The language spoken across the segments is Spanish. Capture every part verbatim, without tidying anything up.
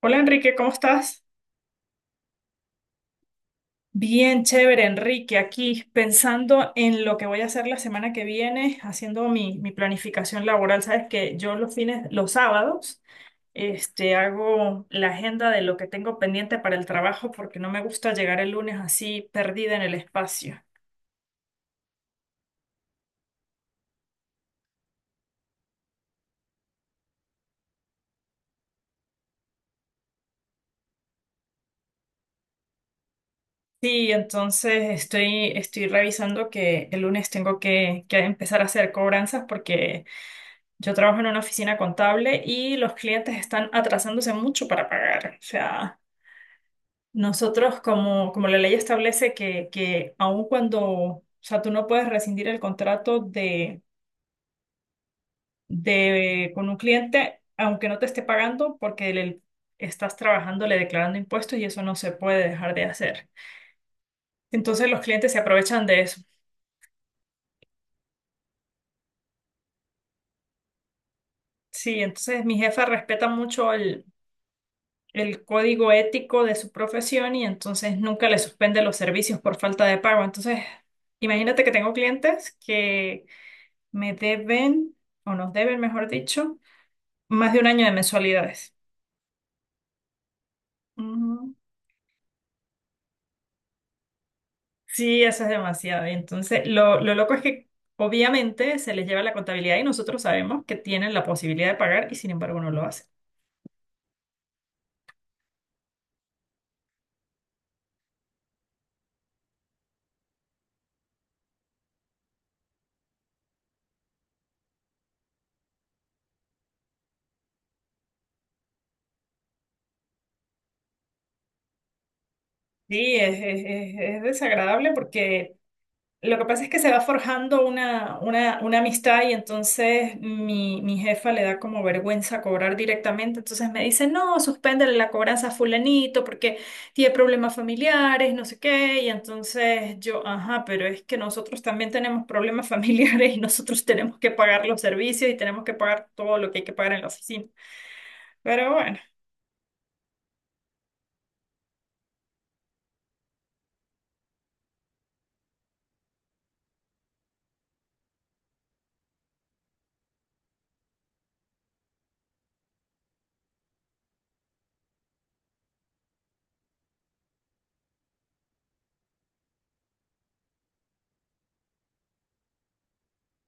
Hola Enrique, ¿cómo estás? Bien, chévere, Enrique, aquí pensando en lo que voy a hacer la semana que viene, haciendo mi, mi planificación laboral. Sabes que yo los fines, los sábados, este, hago la agenda de lo que tengo pendiente para el trabajo porque no me gusta llegar el lunes así perdida en el espacio. Sí, entonces estoy, estoy revisando que el lunes tengo que, que empezar a hacer cobranzas porque yo trabajo en una oficina contable y los clientes están atrasándose mucho para pagar. O sea, nosotros como, como la ley establece que, que aun cuando, o sea, tú no puedes rescindir el contrato de, de, con un cliente, aunque no te esté pagando, porque le estás trabajando, le declarando impuestos y eso no se puede dejar de hacer. Entonces los clientes se aprovechan de eso. Sí, entonces mi jefa respeta mucho el código ético de su profesión y entonces nunca le suspende los servicios por falta de pago. Entonces, imagínate que tengo clientes que me deben, o nos deben, mejor dicho, más de un año de mensualidades. Ujú. Sí, eso es demasiado. Y entonces, lo, lo loco es que obviamente se les lleva la contabilidad y nosotros sabemos que tienen la posibilidad de pagar y sin embargo no lo hacen. Sí, es, es, es- es desagradable porque lo que pasa es que se va forjando una, una, una amistad y entonces mi, mi jefa le da como vergüenza cobrar directamente, entonces me dice, no, suspéndele la cobranza a fulanito porque tiene problemas familiares, no sé qué, y entonces yo, ajá, pero es que nosotros también tenemos problemas familiares y nosotros tenemos que pagar los servicios y tenemos que pagar todo lo que hay que pagar en la oficina. Pero bueno,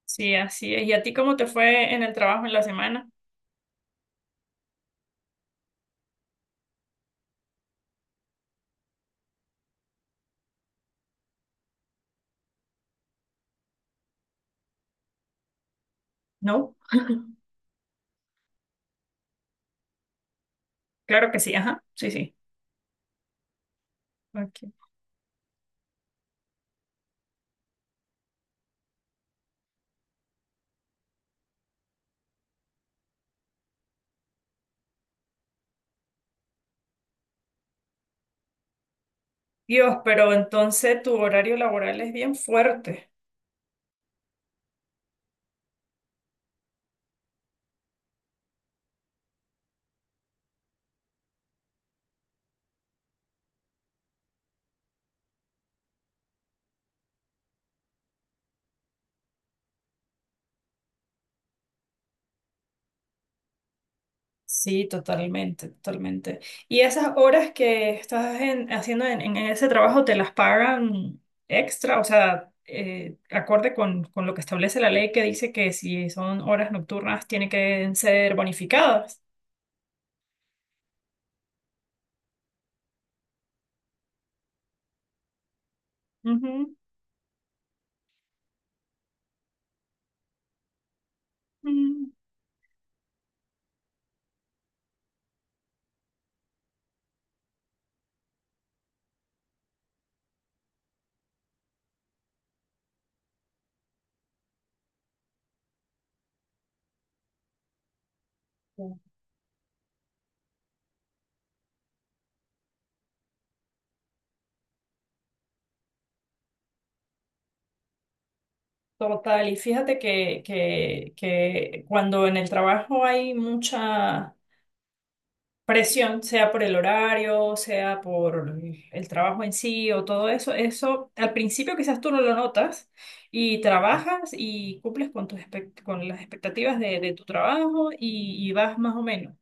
sí, así es. ¿Y a ti cómo te fue en el trabajo en la semana? No, claro que sí, ajá, sí, sí. Ok. Dios, pero entonces tu horario laboral es bien fuerte. Sí, totalmente, totalmente. ¿Y esas horas que estás en- haciendo en, en ese trabajo te las pagan extra? O sea, eh, acorde con, con lo que establece la ley que dice que si son horas nocturnas tienen que ser bonificadas. Ujú, ujú. Total, y fíjate que, que, que cuando en el trabajo hay mucha presión, sea por el horario, sea por el trabajo en sí o todo eso, eso al principio quizás tú no lo notas y trabajas y cumples con tus expect- con las expectativas de, de tu trabajo y, y vas más o menos.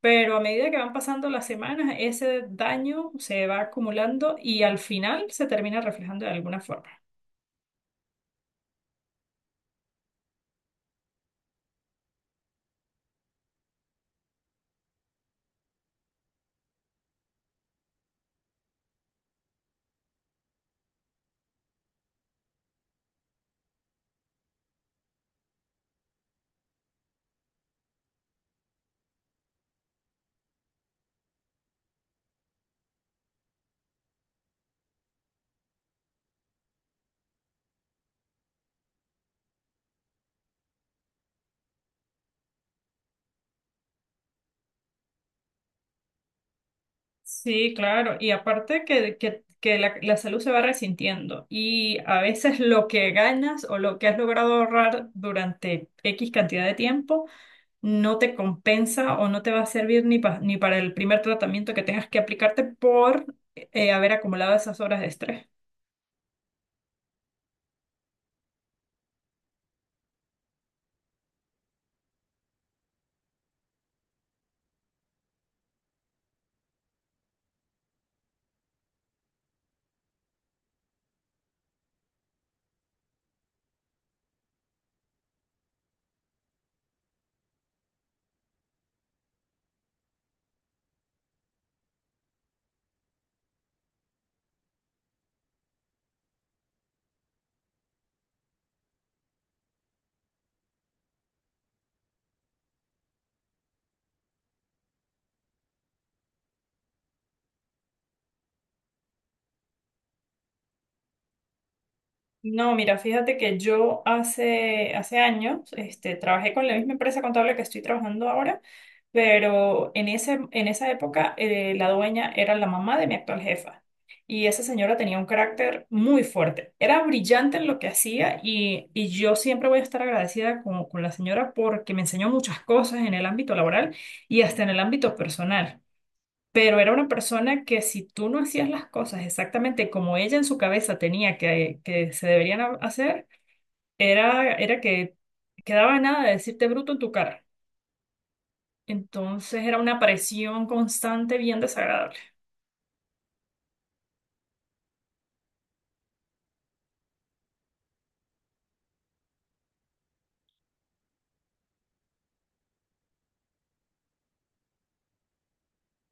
Pero a medida que van pasando las semanas, ese daño se va acumulando y al final se termina reflejando de alguna forma. Sí, claro. Y aparte que, que, que la, la salud se va resintiendo y a veces lo que ganas o lo que has logrado ahorrar durante X cantidad de tiempo no te compensa o no te va a servir ni, pa- ni para el primer tratamiento que tengas que aplicarte por eh, haber acumulado esas horas de estrés. No, mira, fíjate que yo hace, hace años este, trabajé con la misma empresa contable que estoy trabajando ahora, pero en ese, en esa época eh, la dueña era la mamá de mi actual jefa y esa señora tenía un carácter muy fuerte. Era brillante en lo que hacía y, y yo siempre voy a estar agradecida con, con la señora porque me enseñó muchas cosas en el ámbito laboral y hasta en el ámbito personal. Pero era una persona que si tú no hacías las cosas exactamente como ella en su cabeza tenía que, que se deberían ha- hacer, era, era que quedaba nada de decirte bruto en tu cara. Entonces era una presión constante bien desagradable.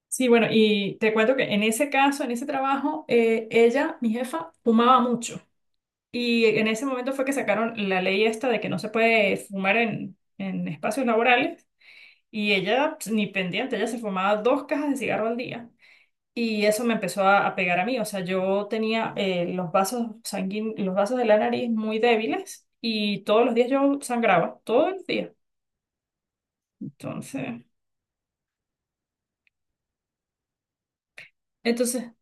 Sí, bueno, y te cuento que en ese caso, en ese trabajo, eh, ella, mi jefa, fumaba mucho. Y en ese momento fue que sacaron la ley esta de que no se puede fumar en, en espacios laborales. Y ella, pues, ni pendiente, ella se fumaba dos cajas de cigarro al día. Y eso me empezó a, a pegar a mí. O sea, yo tenía eh, los vasos sanguíneos, los vasos de la nariz muy débiles y todos los días yo sangraba, todos los días. Entonces, entonces,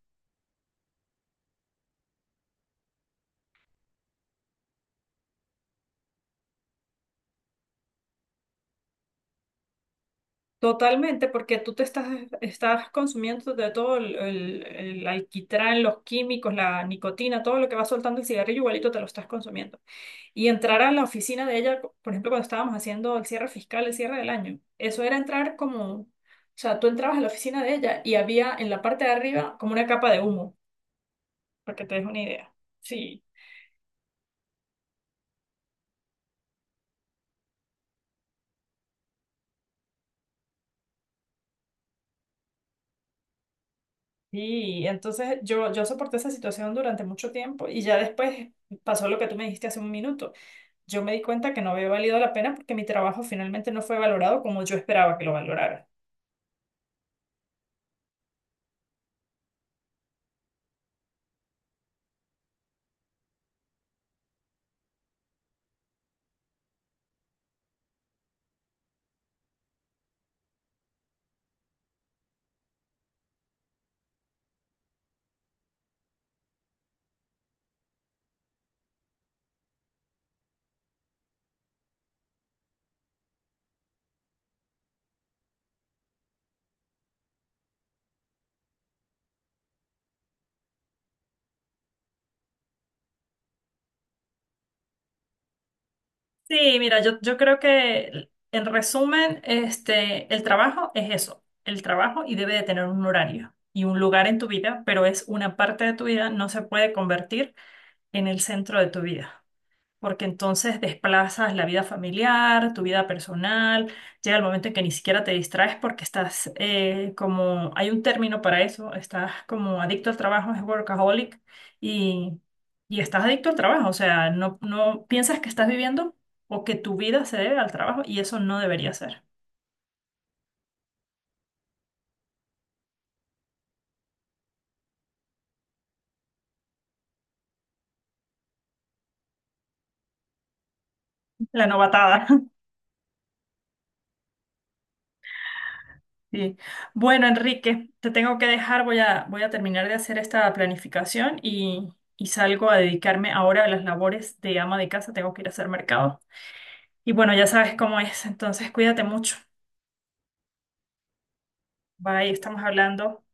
totalmente, porque tú te estás, estás consumiendo de todo el, el, el alquitrán, los químicos, la nicotina, todo lo que va soltando el cigarrillo, igualito te lo estás consumiendo. Y entrar a la oficina de ella, por ejemplo, cuando estábamos haciendo el cierre fiscal, el cierre del año, eso era entrar como, o sea, tú entrabas a la oficina de ella y había en la parte de arriba como una capa de humo, para que te des una idea. Sí. Y entonces yo, yo soporté esa situación durante mucho tiempo y ya después pasó lo que tú me dijiste hace un minuto. Yo me di cuenta que no había valido la pena porque mi trabajo finalmente no fue valorado como yo esperaba que lo valoraran. Sí, mira, yo, yo creo que en resumen, este, el trabajo es eso, el trabajo y debe de tener un horario y un lugar en tu vida, pero es una parte de tu vida, no se puede convertir en el centro de tu vida porque entonces desplazas la vida familiar, tu vida personal, llega el momento en que ni siquiera te distraes porque estás eh, como, hay un término para eso, estás como adicto al trabajo, es workaholic, y, y estás adicto al trabajo, o sea, no, no piensas que estás viviendo o que tu vida se debe al trabajo y eso no debería ser. La novatada. Sí. Bueno, Enrique, te tengo que dejar, voy a, voy a terminar de hacer esta planificación y, y salgo a dedicarme ahora a las labores de ama de casa, tengo que ir a hacer mercado. Y bueno, ya sabes cómo es, entonces cuídate mucho. Bye, estamos hablando.